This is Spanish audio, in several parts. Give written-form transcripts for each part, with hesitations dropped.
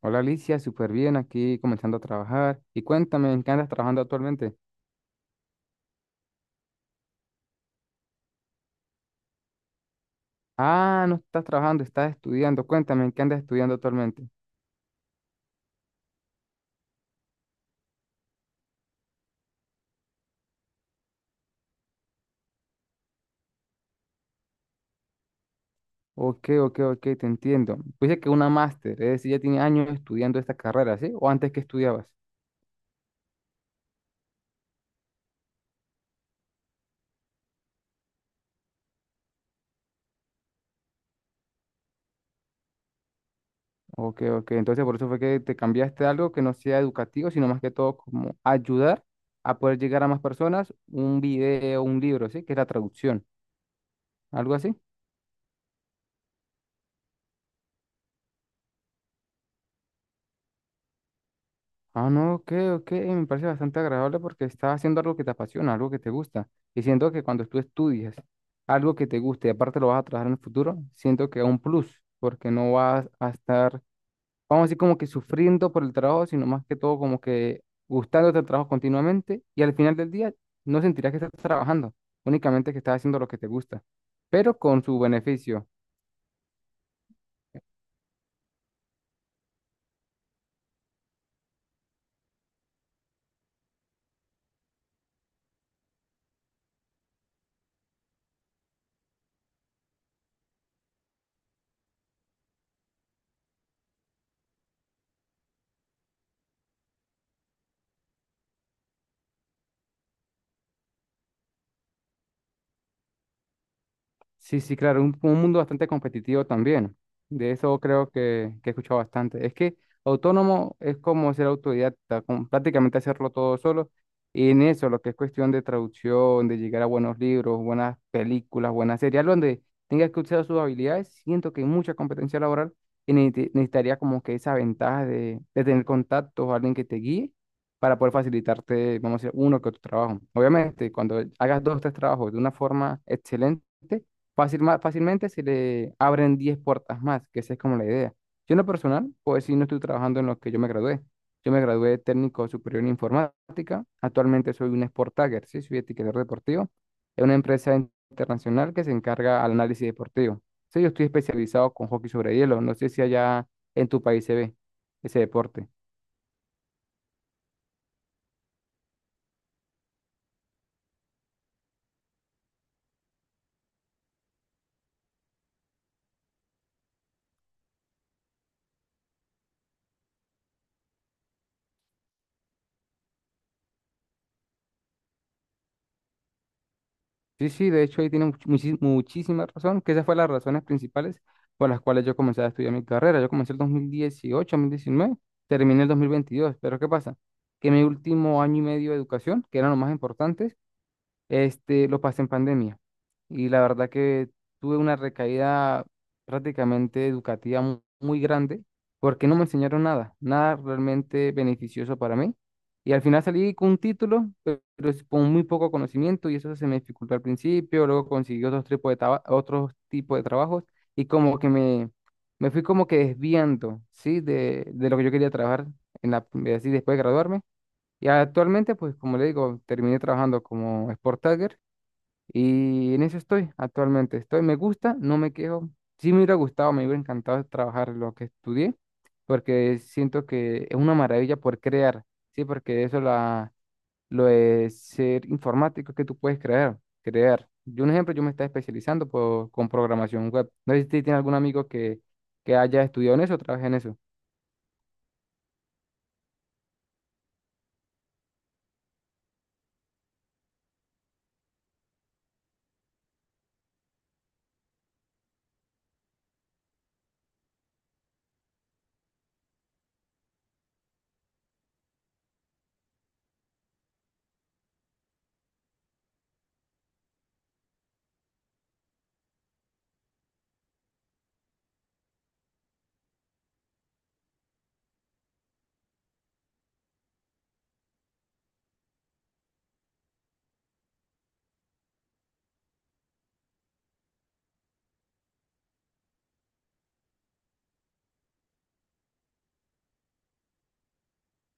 Hola Alicia, súper bien aquí comenzando a trabajar. Y cuéntame, ¿en qué andas trabajando actualmente? Ah, no estás trabajando, estás estudiando. Cuéntame, ¿en qué andas estudiando actualmente? Ok, ok, ok, te entiendo. Pues Dice que una máster, es decir, ya tiene años estudiando esta carrera, ¿sí? ¿O antes que estudiabas? Ok, ok, entonces por eso fue que te cambiaste a algo que no sea educativo, sino más que todo como ayudar a poder llegar a más personas, un video, un libro, ¿sí? Que es la traducción, algo así. Ah, no, ok, ok, me parece bastante agradable porque estás haciendo algo que te apasiona, algo que te gusta. Y siento que cuando tú estudias algo que te guste y aparte lo vas a trabajar en el futuro, siento que es un plus, porque no vas a estar, vamos a decir, como que sufriendo por el trabajo, sino más que todo como que gustándote el trabajo continuamente y al final del día no sentirás que estás trabajando, únicamente que estás haciendo lo que te gusta, pero con su beneficio. Sí, sí, claro, un mundo bastante competitivo también. De eso creo que he escuchado bastante. Es que autónomo es como ser autodidacta, como prácticamente hacerlo todo solo. Y en eso, lo que es cuestión de traducción, de llegar a buenos libros, buenas películas, buenas series, algo donde tengas que usar sus habilidades, siento que hay mucha competencia laboral y necesitaría como que esa ventaja de tener contactos o alguien que te guíe para poder facilitarte, vamos a decir, uno que otro trabajo. Obviamente, cuando hagas dos o tres trabajos de una forma excelente, fácilmente se le abren 10 puertas más, que esa es como la idea. Yo en lo personal, pues sí, no estoy trabajando en lo que yo me gradué. Yo me gradué de técnico superior en informática. Actualmente soy un sport tagger, sí, soy etiquetador deportivo. Es una empresa internacional que se encarga al análisis deportivo. Sí, yo estoy especializado con hockey sobre hielo. No sé si allá en tu país se ve ese deporte. Sí, sí, de hecho ahí tiene muchísima razón, que esas fueron las razones principales por las cuales yo comencé a estudiar mi carrera. Yo comencé el 2018, 2019, terminé el 2022. Pero ¿qué pasa? Que mi último año y medio de educación, que eran los más importantes, este, lo pasé en pandemia y la verdad que tuve una recaída prácticamente educativa muy, grande porque no me enseñaron nada, nada realmente beneficioso para mí. Y al final salí con un título, pero es con muy poco conocimiento y eso se me dificultó al principio, luego conseguí otros tipos de otros tipos de trabajos y como que me fui como que desviando, ¿sí? De lo que yo quería trabajar en la, así después de graduarme. Y actualmente, pues como le digo, terminé trabajando como Sport Tagger y en eso estoy actualmente. Estoy, me gusta, no me quejo. Sí me hubiera gustado, me hubiera encantado trabajar lo que estudié, porque siento que es una maravilla por crear, sí, porque eso la, lo de ser informático que tú puedes crear, crear. Yo, un ejemplo, yo me estaba especializando por, con programación web. No sé si tiene algún amigo que haya estudiado en eso o trabaje en eso.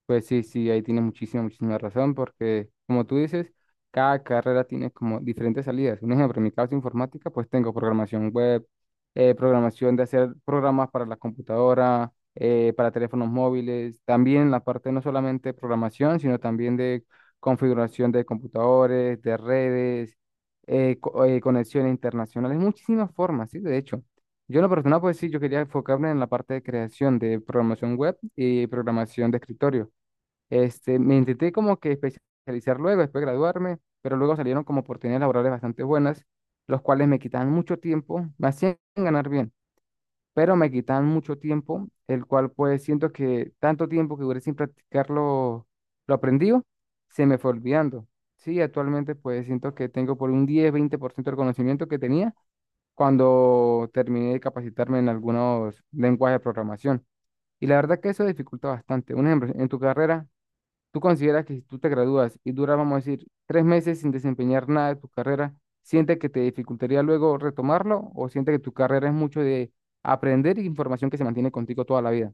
Pues sí, sí, ahí tiene muchísima, muchísima razón, porque como tú dices, cada carrera tiene como diferentes salidas. Un ejemplo, en mi caso informática, pues tengo programación web, programación de hacer programas para la computadora, para teléfonos móviles, también la parte no solamente de programación, sino también de configuración de computadores, de redes, conexiones internacionales, muchísimas formas, sí, de hecho. Yo en lo personal, pues sí, yo quería enfocarme en la parte de creación de programación web y programación de escritorio este, me intenté como que especializar luego, después de graduarme, pero luego salieron como oportunidades laborales bastante buenas, los cuales me quitaban mucho tiempo, me hacían ganar bien, pero me quitaban mucho tiempo, el cual pues siento que tanto tiempo que duré sin practicar lo aprendido, se me fue olvidando. Sí, actualmente pues siento que tengo por un 10-20% del conocimiento que tenía cuando terminé de capacitarme en algunos lenguajes de programación. Y la verdad que eso dificulta bastante. Un ejemplo, en tu carrera, ¿tú consideras que si tú te gradúas y duras, vamos a decir, 3 meses sin desempeñar nada de tu carrera, sientes que te dificultaría luego retomarlo o sientes que tu carrera es mucho de aprender y información que se mantiene contigo toda la vida?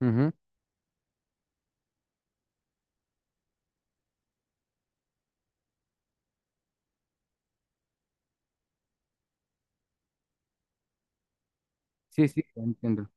Ujú. Sí, sí, entiendo.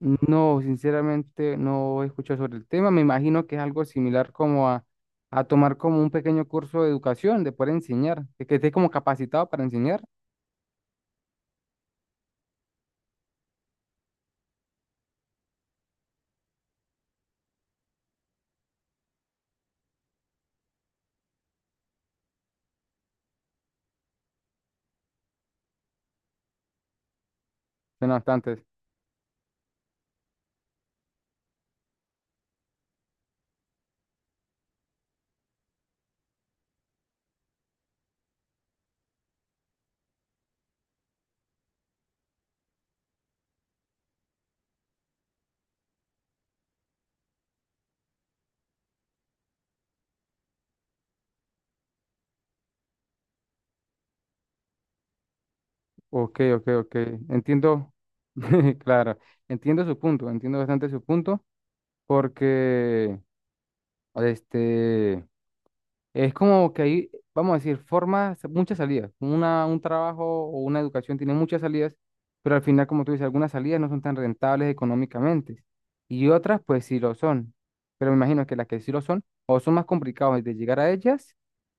No, sinceramente no he escuchado sobre el tema. Me imagino que es algo similar como a tomar como un pequeño curso de educación, de poder enseñar, de que estés como capacitado para enseñar. Suena bastante Ok, ok, ok. Entiendo, claro, entiendo su punto, entiendo bastante su punto, porque este es como que hay, vamos a decir, formas, muchas salidas. Una, un trabajo o una educación tiene muchas salidas, pero al final, como tú dices, algunas salidas no son tan rentables económicamente. Y otras, pues sí lo son. Pero me imagino que las que sí lo son, o son más complicadas de llegar a ellas,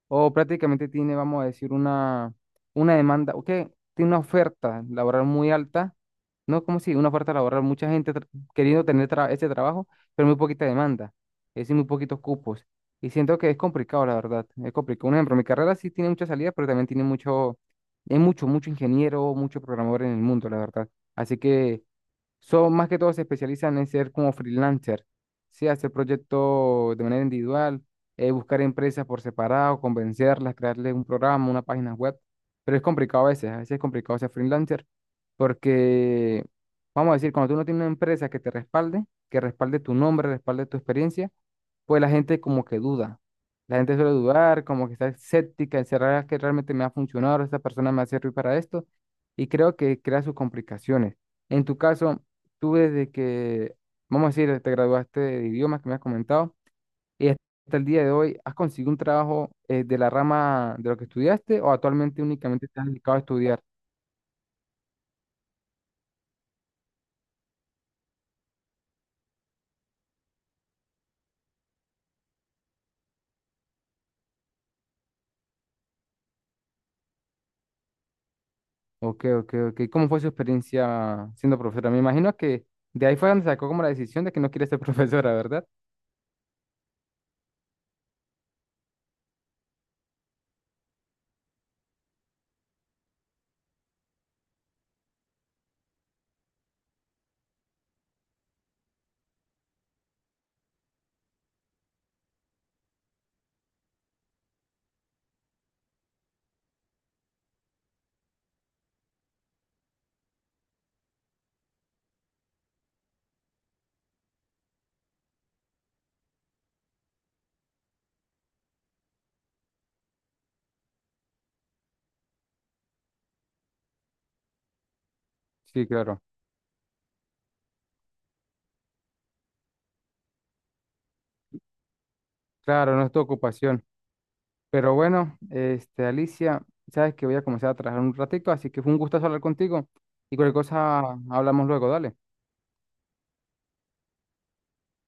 o prácticamente tiene, vamos a decir, una demanda, o que tiene una oferta laboral muy alta, no como si una oferta laboral, mucha gente queriendo tener ese trabajo, pero muy poquita demanda, es decir, muy poquitos cupos. Y siento que es complicado, la verdad, es complicado. Un ejemplo, mi carrera sí tiene mucha salida, pero también tiene mucho, hay mucho, mucho ingeniero, mucho programador en el mundo, la verdad. Así que son más que todo se especializan en ser como freelancer, ¿sí? Hacer proyectos de manera individual, buscar empresas por separado, convencerlas, crearles un programa, una página web. Pero es complicado a veces es complicado ser freelancer porque, vamos a decir, cuando tú no tienes una empresa que te respalde, que respalde tu nombre, respalde tu experiencia, pues la gente como que duda. La gente suele dudar, como que está escéptica, encerrada, que realmente me va a funcionar, esta persona me va a servir para esto, y creo que crea sus complicaciones. En tu caso, tú desde que, vamos a decir, te graduaste de idiomas que me has comentado, y hasta el día de hoy, ¿has conseguido un trabajo de la rama de lo que estudiaste o actualmente únicamente estás dedicado a estudiar? Ok, ok, ok. ¿Cómo fue su experiencia siendo profesora? Me imagino que de ahí fue donde sacó como la decisión de que no quiere ser profesora, ¿verdad? Sí, claro. Claro, no es tu ocupación. Pero bueno, este, Alicia, sabes que voy a comenzar a trabajar un ratico, así que fue un gustazo hablar contigo y cualquier cosa hablamos luego, dale.